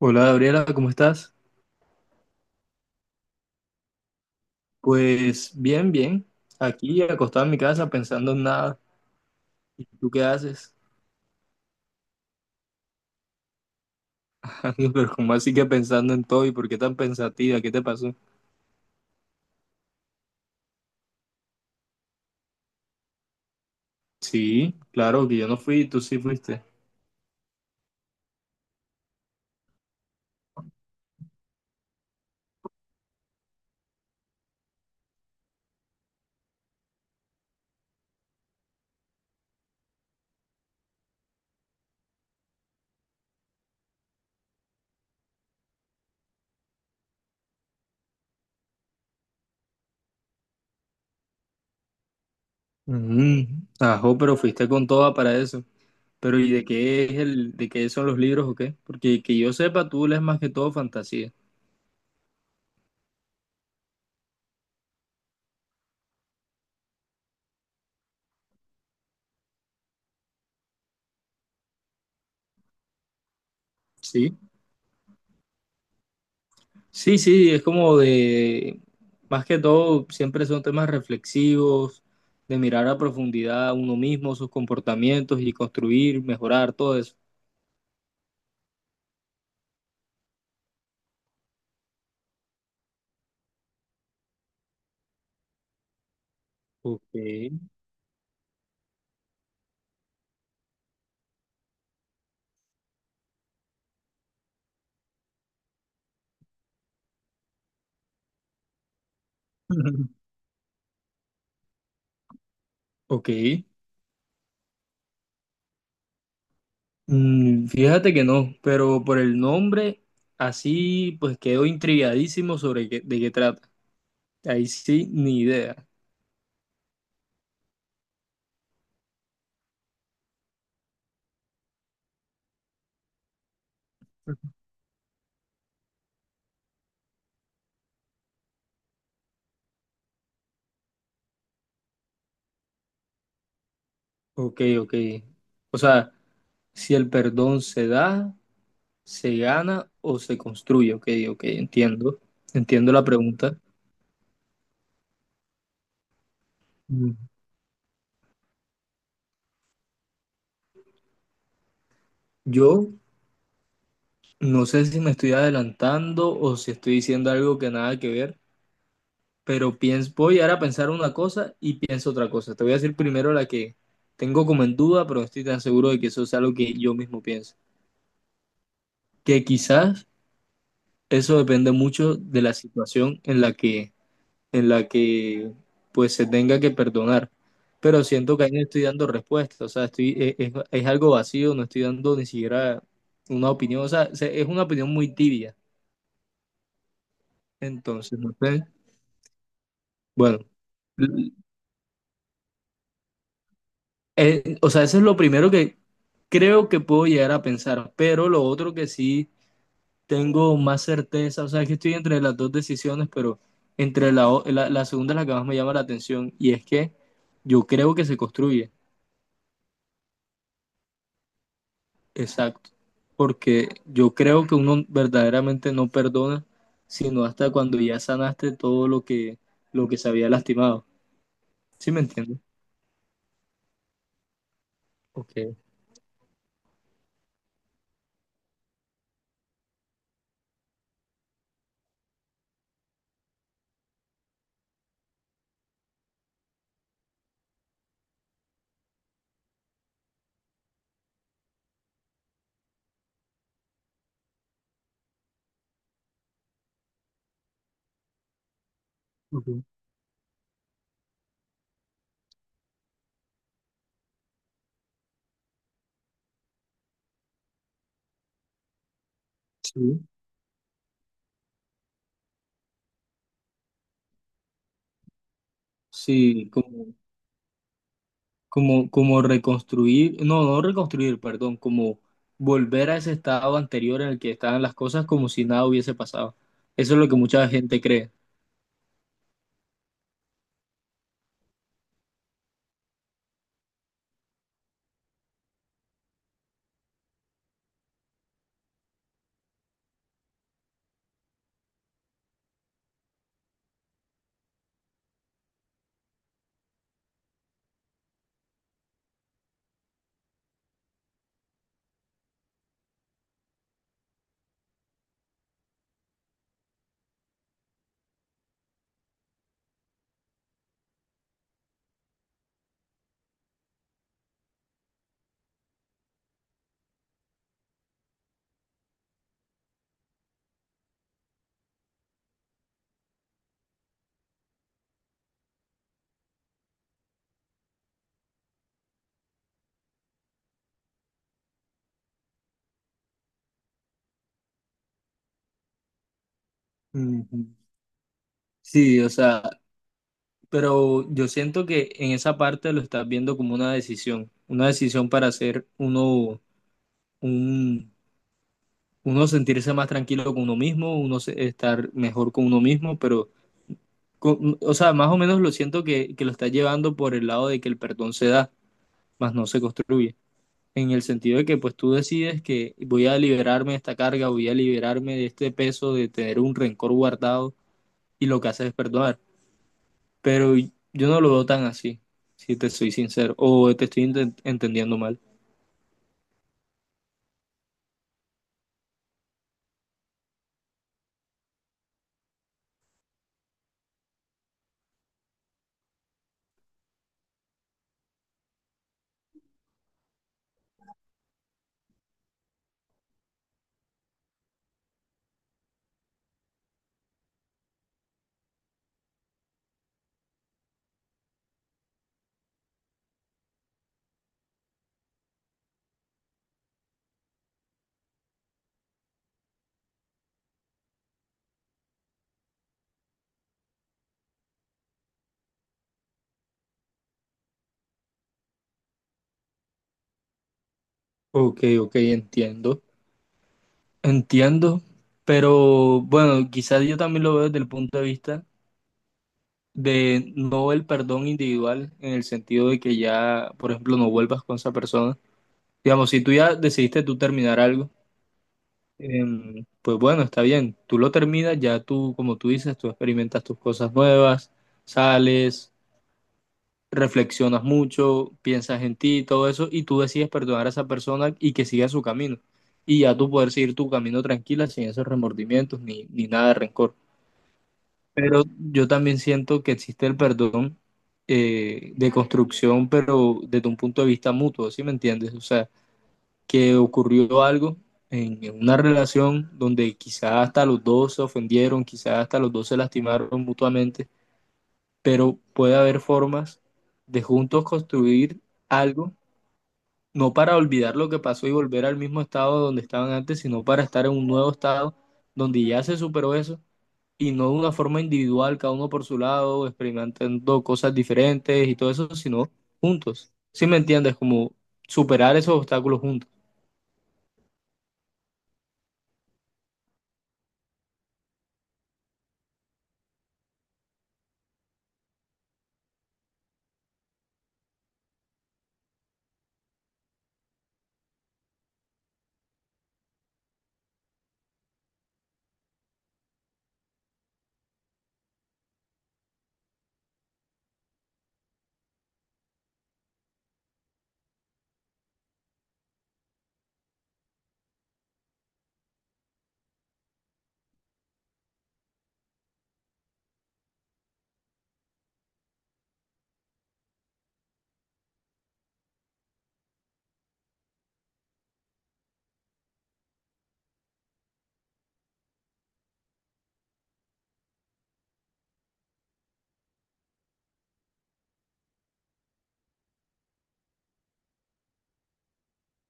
Hola Gabriela, ¿cómo estás? Pues bien, bien. Aquí acostado en mi casa pensando en nada. ¿Y tú qué haces? Amigo, pero ¿cómo así que pensando en todo? ¿Y por qué tan pensativa? ¿Qué te pasó? Sí, claro que yo no fui, tú sí fuiste. Mm, ajo, pero fuiste con toda para eso. Pero ¿y de qué es de qué son los libros o qué? Porque que yo sepa, tú lees más que todo fantasía. Sí. Sí, sí, es como más que todo, siempre son temas reflexivos, de mirar a profundidad a uno mismo, sus comportamientos y construir, mejorar todo eso. Ok. Ok. Mm, fíjate que no, pero por el nombre, así pues quedo intrigadísimo sobre de qué trata. Ahí sí, ni idea. Ok, ok. O sea, si el perdón se da, ¿se gana o se construye? Ok, ok, entiendo. Entiendo la pregunta. Mm. Yo no sé si me estoy adelantando o si estoy diciendo algo que nada que ver, pero pienso, voy ahora a pensar una cosa y pienso otra cosa. Te voy a decir primero la que tengo como en duda, pero no estoy tan seguro de que eso es algo que yo mismo pienso. Que quizás eso depende mucho de la situación en la que pues se tenga que perdonar. Pero siento que ahí no estoy dando respuesta, o sea, estoy, es algo vacío, no estoy dando ni siquiera una opinión, o sea, es una opinión muy tibia. Entonces, no sé, bueno, l- o sea, eso es lo primero que creo que puedo llegar a pensar, pero lo otro que sí tengo más certeza, o sea, es que estoy entre las dos decisiones, pero entre la segunda es la que más me llama la atención y es que yo creo que se construye. Exacto, porque yo creo que uno verdaderamente no perdona, sino hasta cuando ya sanaste todo lo que se había lastimado. ¿Sí me entiendes? Ok, ok, sí. Sí, como reconstruir, no, no reconstruir, perdón, como volver a ese estado anterior en el que estaban las cosas como si nada hubiese pasado. Eso es lo que mucha gente cree. Ujú. Sí, o sea, pero yo siento que en esa parte lo estás viendo como una decisión para hacer uno, un, uno sentirse más tranquilo con uno mismo, uno estar mejor con uno mismo, pero, o sea, más o menos lo siento que lo estás llevando por el lado de que el perdón se da, más no se construye, en el sentido de que pues tú decides que voy a liberarme de esta carga, voy a liberarme de este peso, de tener un rencor guardado, y lo que haces es perdonar. Pero yo no lo veo tan así, si te soy sincero. O te estoy entendiendo mal. Ok, ok, entiendo. Entiendo. Pero bueno, quizás yo también lo veo desde el punto de vista de no el perdón individual, en el sentido de que ya, por ejemplo, no vuelvas con esa persona. Digamos, si tú ya decidiste tú terminar algo, pues bueno, está bien. Tú lo terminas, ya tú, como tú dices, tú experimentas tus cosas nuevas, sales, reflexionas mucho, piensas en ti y todo eso, y tú decides perdonar a esa persona y que siga su camino. Y ya tú poder seguir tu camino tranquila, sin esos remordimientos ni nada de rencor. Pero yo también siento que existe el perdón de construcción, pero desde un punto de vista mutuo, ¿sí me entiendes? O sea, que ocurrió algo en una relación donde quizás hasta los dos se ofendieron, quizás hasta los dos se lastimaron mutuamente, pero puede haber formas de juntos construir algo, no para olvidar lo que pasó y volver al mismo estado donde estaban antes, sino para estar en un nuevo estado donde ya se superó eso y no de una forma individual, cada uno por su lado, experimentando cosas diferentes y todo eso, sino juntos. ¿Sí me entiendes? Como superar esos obstáculos juntos.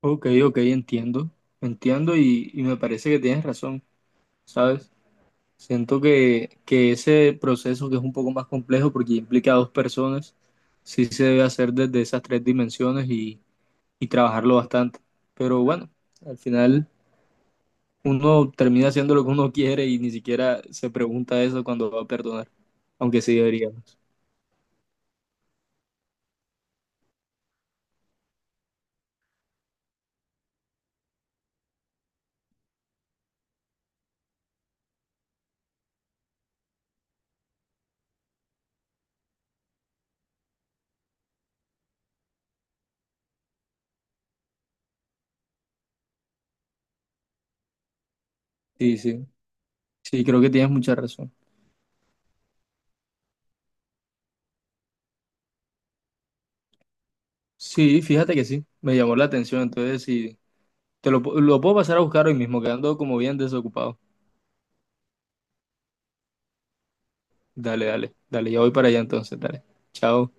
Ok, ok, entiendo, entiendo, y me parece que tienes razón, ¿sabes? Siento que ese proceso que es un poco más complejo porque implica a dos personas, sí se debe hacer desde esas tres dimensiones y trabajarlo bastante. Pero bueno, al final uno termina haciendo lo que uno quiere y ni siquiera se pregunta eso cuando va a perdonar, aunque sí deberíamos. Sí, sí, sí, creo que tienes mucha razón. Sí, fíjate que sí, me llamó la atención, entonces sí, lo puedo pasar a buscar hoy mismo, quedando como bien desocupado. Dale, dale, dale, ya voy para allá entonces, dale. Chao.